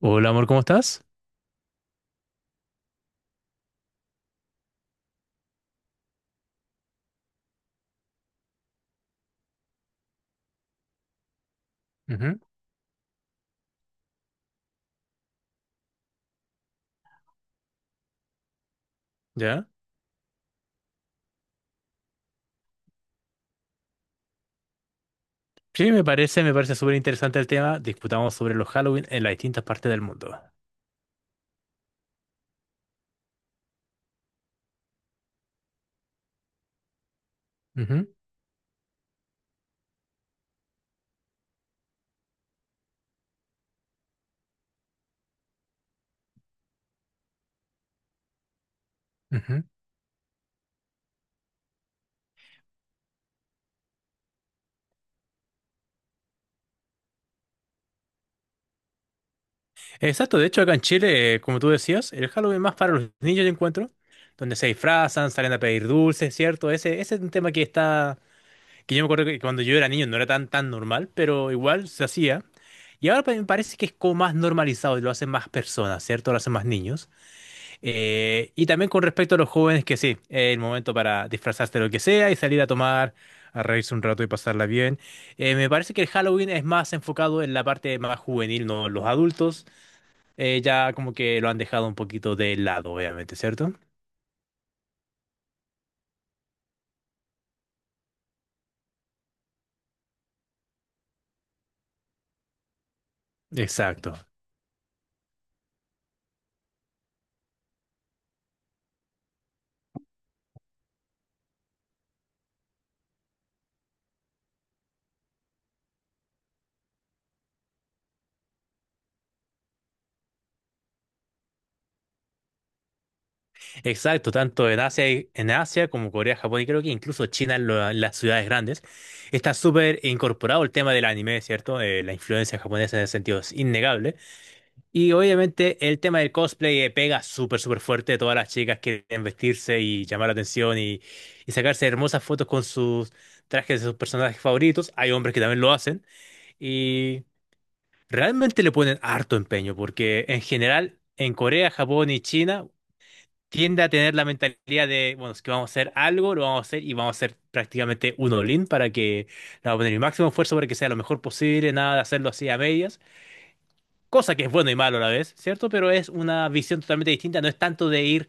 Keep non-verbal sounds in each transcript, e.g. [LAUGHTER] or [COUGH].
Hola amor, ¿cómo estás? Ujú, ¿ya? Sí, me parece súper interesante el tema. Discutamos sobre los Halloween en las distintas partes del mundo. Ujú, ujú. Exacto, de hecho acá en Chile, como tú decías, el Halloween más para los niños yo encuentro, donde se disfrazan, salen a pedir dulces, ¿cierto? Ese es un tema que está, que yo me acuerdo que cuando yo era niño no era tan, tan normal, pero igual se hacía. Y ahora me parece que es como más normalizado y lo hacen más personas, ¿cierto? Lo hacen más niños. Y también con respecto a los jóvenes, que sí, es el momento para disfrazarse de lo que sea y salir a tomar, a reírse un rato y pasarla bien. Me parece que el Halloween es más enfocado en la parte más juvenil, no los adultos. Ya como que lo han dejado un poquito de lado, obviamente, ¿cierto? Exacto, exacto, tanto en Asia, en Asia como Corea, Japón y creo que incluso China, en las ciudades grandes, está súper incorporado el tema del anime, ¿cierto? La influencia japonesa en ese sentido es innegable. Y obviamente el tema del cosplay pega súper, súper fuerte. Todas las chicas quieren vestirse y llamar la atención y, sacarse hermosas fotos con sus trajes de sus personajes favoritos. Hay hombres que también lo hacen y realmente le ponen harto empeño porque en general en Corea, Japón y China tiende a tener la mentalidad de, bueno, es que vamos a hacer algo, lo vamos a hacer y vamos a hacer prácticamente un all para que, le vamos a poner el máximo esfuerzo para que sea lo mejor posible, nada de hacerlo así a medias, cosa que es bueno y malo a la vez, ¿cierto? Pero es una visión totalmente distinta, no es tanto de ir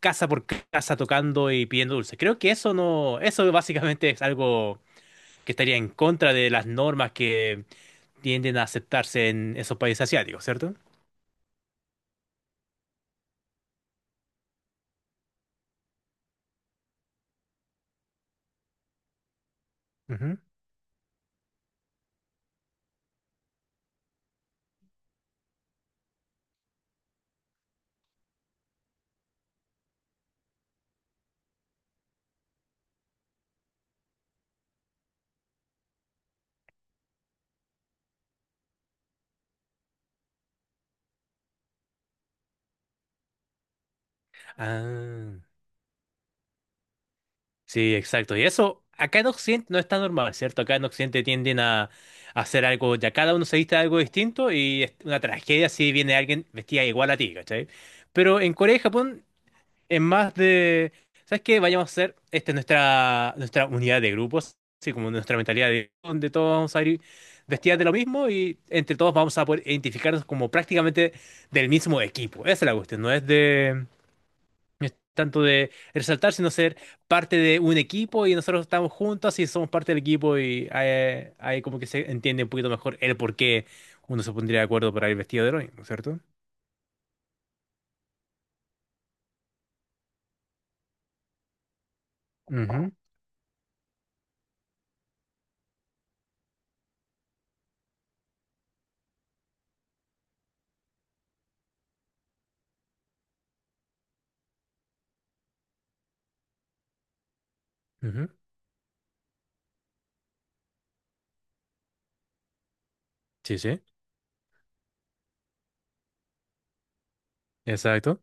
casa por casa tocando y pidiendo dulces. Creo que eso no, eso básicamente es algo que estaría en contra de las normas que tienden a aceptarse en esos países asiáticos, ¿cierto? Ujú. Ah, sí, exacto. Y eso acá en Occidente no está normal, ¿cierto? Acá en Occidente tienden a, hacer algo, ya cada uno se viste de algo distinto y es una tragedia si viene alguien vestida igual a ti, ¿cachai? Pero en Corea y Japón es más de, ¿sabes qué? Vayamos a hacer, esta es nuestra, unidad de grupos, así como nuestra mentalidad de donde todos vamos a ir vestidas de lo mismo y entre todos vamos a poder identificarnos como prácticamente del mismo equipo. Esa es la cuestión, no es de, no es tanto de resaltar, sino ser parte de un equipo y nosotros estamos juntos y somos parte del equipo y ahí, como que se entiende un poquito mejor el por qué uno se pondría de acuerdo para ir vestido de lo mismo, ¿cierto? Ujú, ujú. Sí, sí, exacto.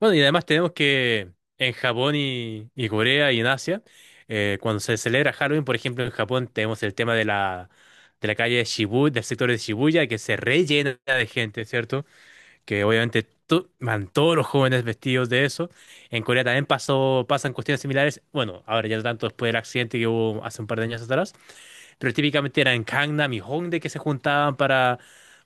Bueno, y además tenemos que en Japón y, Corea y en Asia, cuando se celebra Halloween, por ejemplo, en Japón tenemos el tema de la, calle de Shibuya, del sector de Shibuya, que se rellena de gente, ¿cierto? Que obviamente van todos los jóvenes vestidos de eso. En Corea también pasó, pasan cuestiones similares. Bueno, ahora ya no tanto después del accidente que hubo hace un par de años atrás, pero típicamente era en Gangnam y Hongdae que se juntaban para,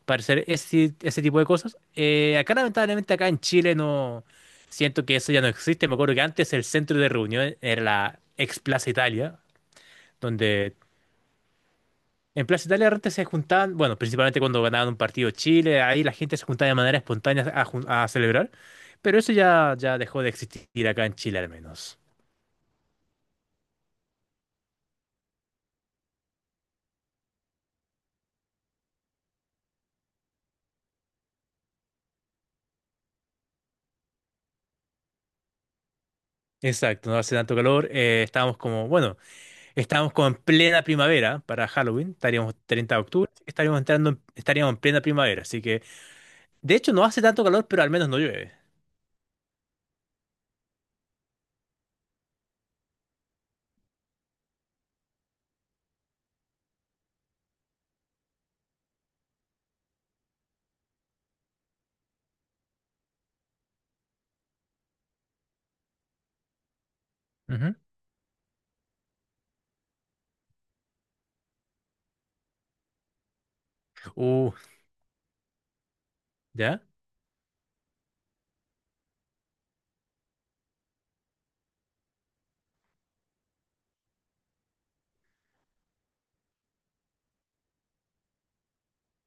hacer ese, tipo de cosas. Acá, lamentablemente, acá en Chile no siento que eso ya no existe. Me acuerdo que antes el centro de reunión era la ex Plaza Italia, donde en Plaza Italia antes se juntaban, bueno, principalmente cuando ganaban un partido Chile, ahí la gente se juntaba de manera espontánea a, a celebrar. Pero eso ya, dejó de existir acá en Chile al menos. Exacto, no hace tanto calor. Estábamos como, bueno. Estábamos como en plena primavera para Halloween, estaríamos 30 de octubre, así que estaríamos entrando, estaríamos en plena primavera, así que de hecho no hace tanto calor, pero al menos no llueve. Ujú. Uh, ¿Ya?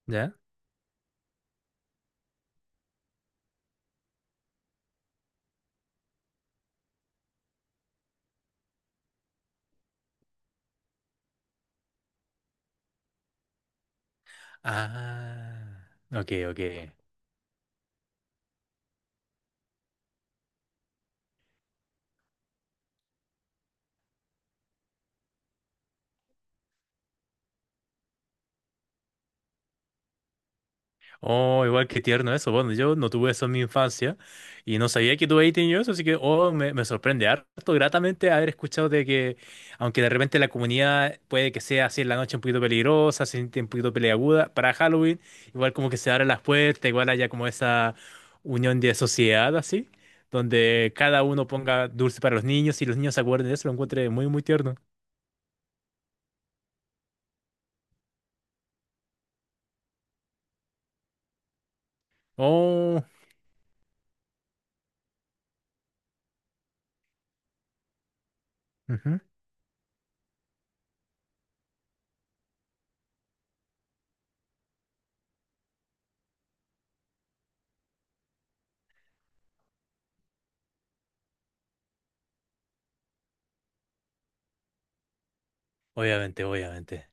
¿Ya? Ah, ok, ok. Oh, igual que tierno eso. Bueno, yo no tuve eso en mi infancia y no sabía que tuve ahí tenido eso, así que oh, me, sorprende harto gratamente haber escuchado de que, aunque de repente la comunidad puede que sea así en la noche un poquito peligrosa, se siente un poquito peleaguda, para Halloween igual como que se abren las puertas, igual haya como esa unión de sociedad así, donde cada uno ponga dulce para los niños y los niños se acuerden de eso, lo encuentre muy, muy tierno. Oh, ujú. Obviamente, obviamente.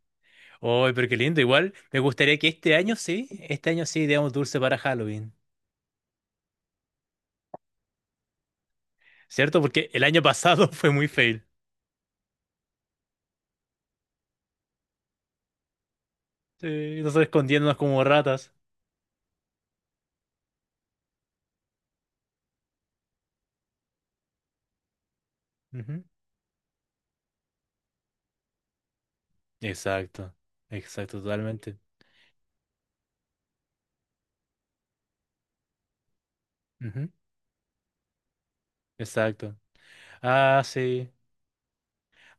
Oh, pero qué lindo. Igual me gustaría que este año sí ideamos dulce para Halloween, ¿cierto? Porque el año pasado [LAUGHS] fue muy fail. Sí, nosotros escondiéndonos como ratas. Ujú. Exacto, exacto, totalmente. Ujú, exacto. Ah, sí.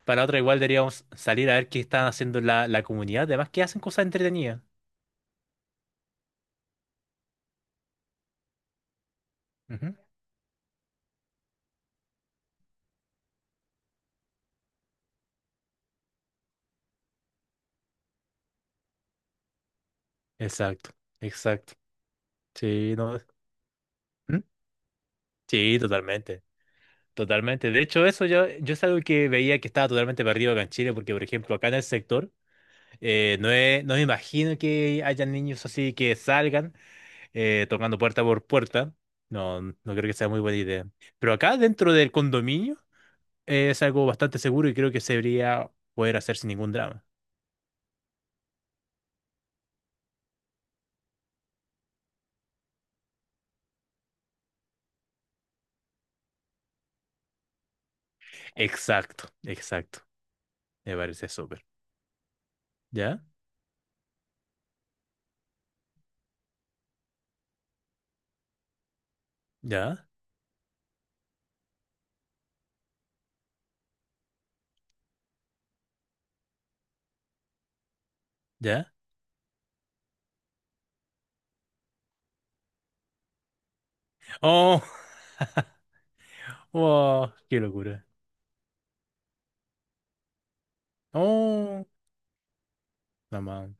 Para otra igual deberíamos salir a ver qué están haciendo la, comunidad, además que hacen cosas entretenidas. Ujú. Exacto, exacto. Sí, no. ¿Mm? Sí, totalmente. Totalmente. De hecho, eso yo, es algo que veía que estaba totalmente perdido acá en Chile, porque, por ejemplo, acá en el sector, no, no me imagino que haya niños así que salgan tocando puerta por puerta. No, no creo que sea muy buena idea. Pero acá, dentro del condominio, es algo bastante seguro y creo que se debería poder hacer sin ningún drama. Exacto, exacto. Me parece súper. ¿Ya? ¿Ya? ¿Ya? ¡Oh! [LAUGHS] ¡Wow! ¡Qué locura! ¡Oh! Mamá.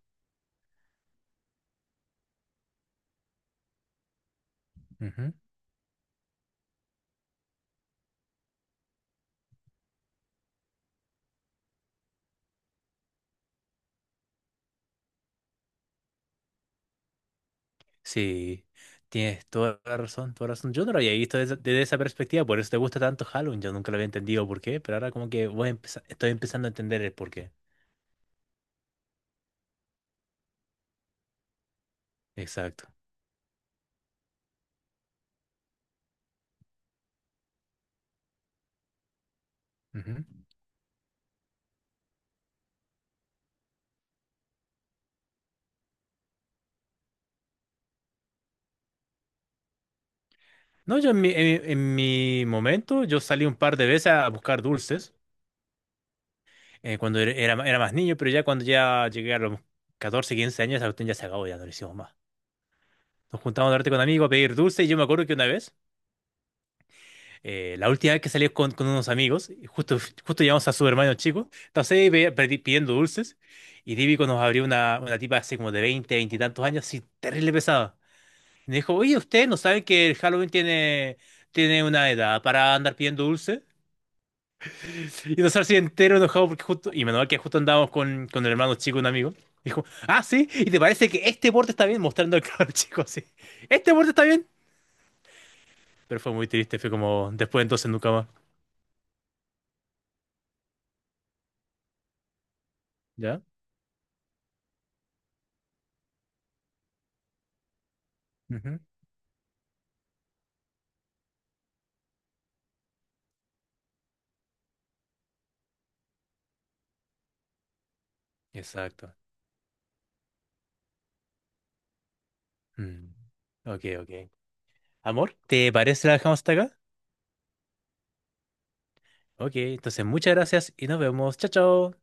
Sí, tienes toda la razón, toda la razón. Yo no lo había visto desde, esa perspectiva, por eso te gusta tanto Halloween. Yo nunca lo había entendido por qué, pero ahora como que voy a estoy empezando a entender el por qué. Exacto. Ujú. No, yo en mi, en mi momento, yo salí un par de veces a buscar dulces cuando era, era más niño, pero ya cuando ya llegué a los 14, 15 años, esa cuestión ya se acabó, ya no lo hicimos más. Nos juntábamos a darte con amigos a pedir dulce y yo me acuerdo que una vez, la última vez que salí con, unos amigos, justo, llegamos a su hermano chico, entonces ahí pidiendo dulces y típico nos abrió una, tipa así como de 20 20 y tantos años, así terrible pesada. Y me dijo, oye, ¿ustedes no saben que el Halloween tiene, una edad para andar pidiendo dulces? Y nosotros así entero enojado porque justo, y menos mal que justo andábamos con, el hermano chico, un amigo. Dijo, ah, sí, ¿y te parece que este borde está bien? Mostrando al cabro [LAUGHS] chico así. ¿Este borde está bien? Pero fue muy triste, fue como después entonces nunca más. ¿Ya? Ujú. Exacto. Mm, ok, ok. Amor, ¿te parece si la dejamos hasta acá? Ok, entonces muchas gracias y nos vemos. Chao, chao.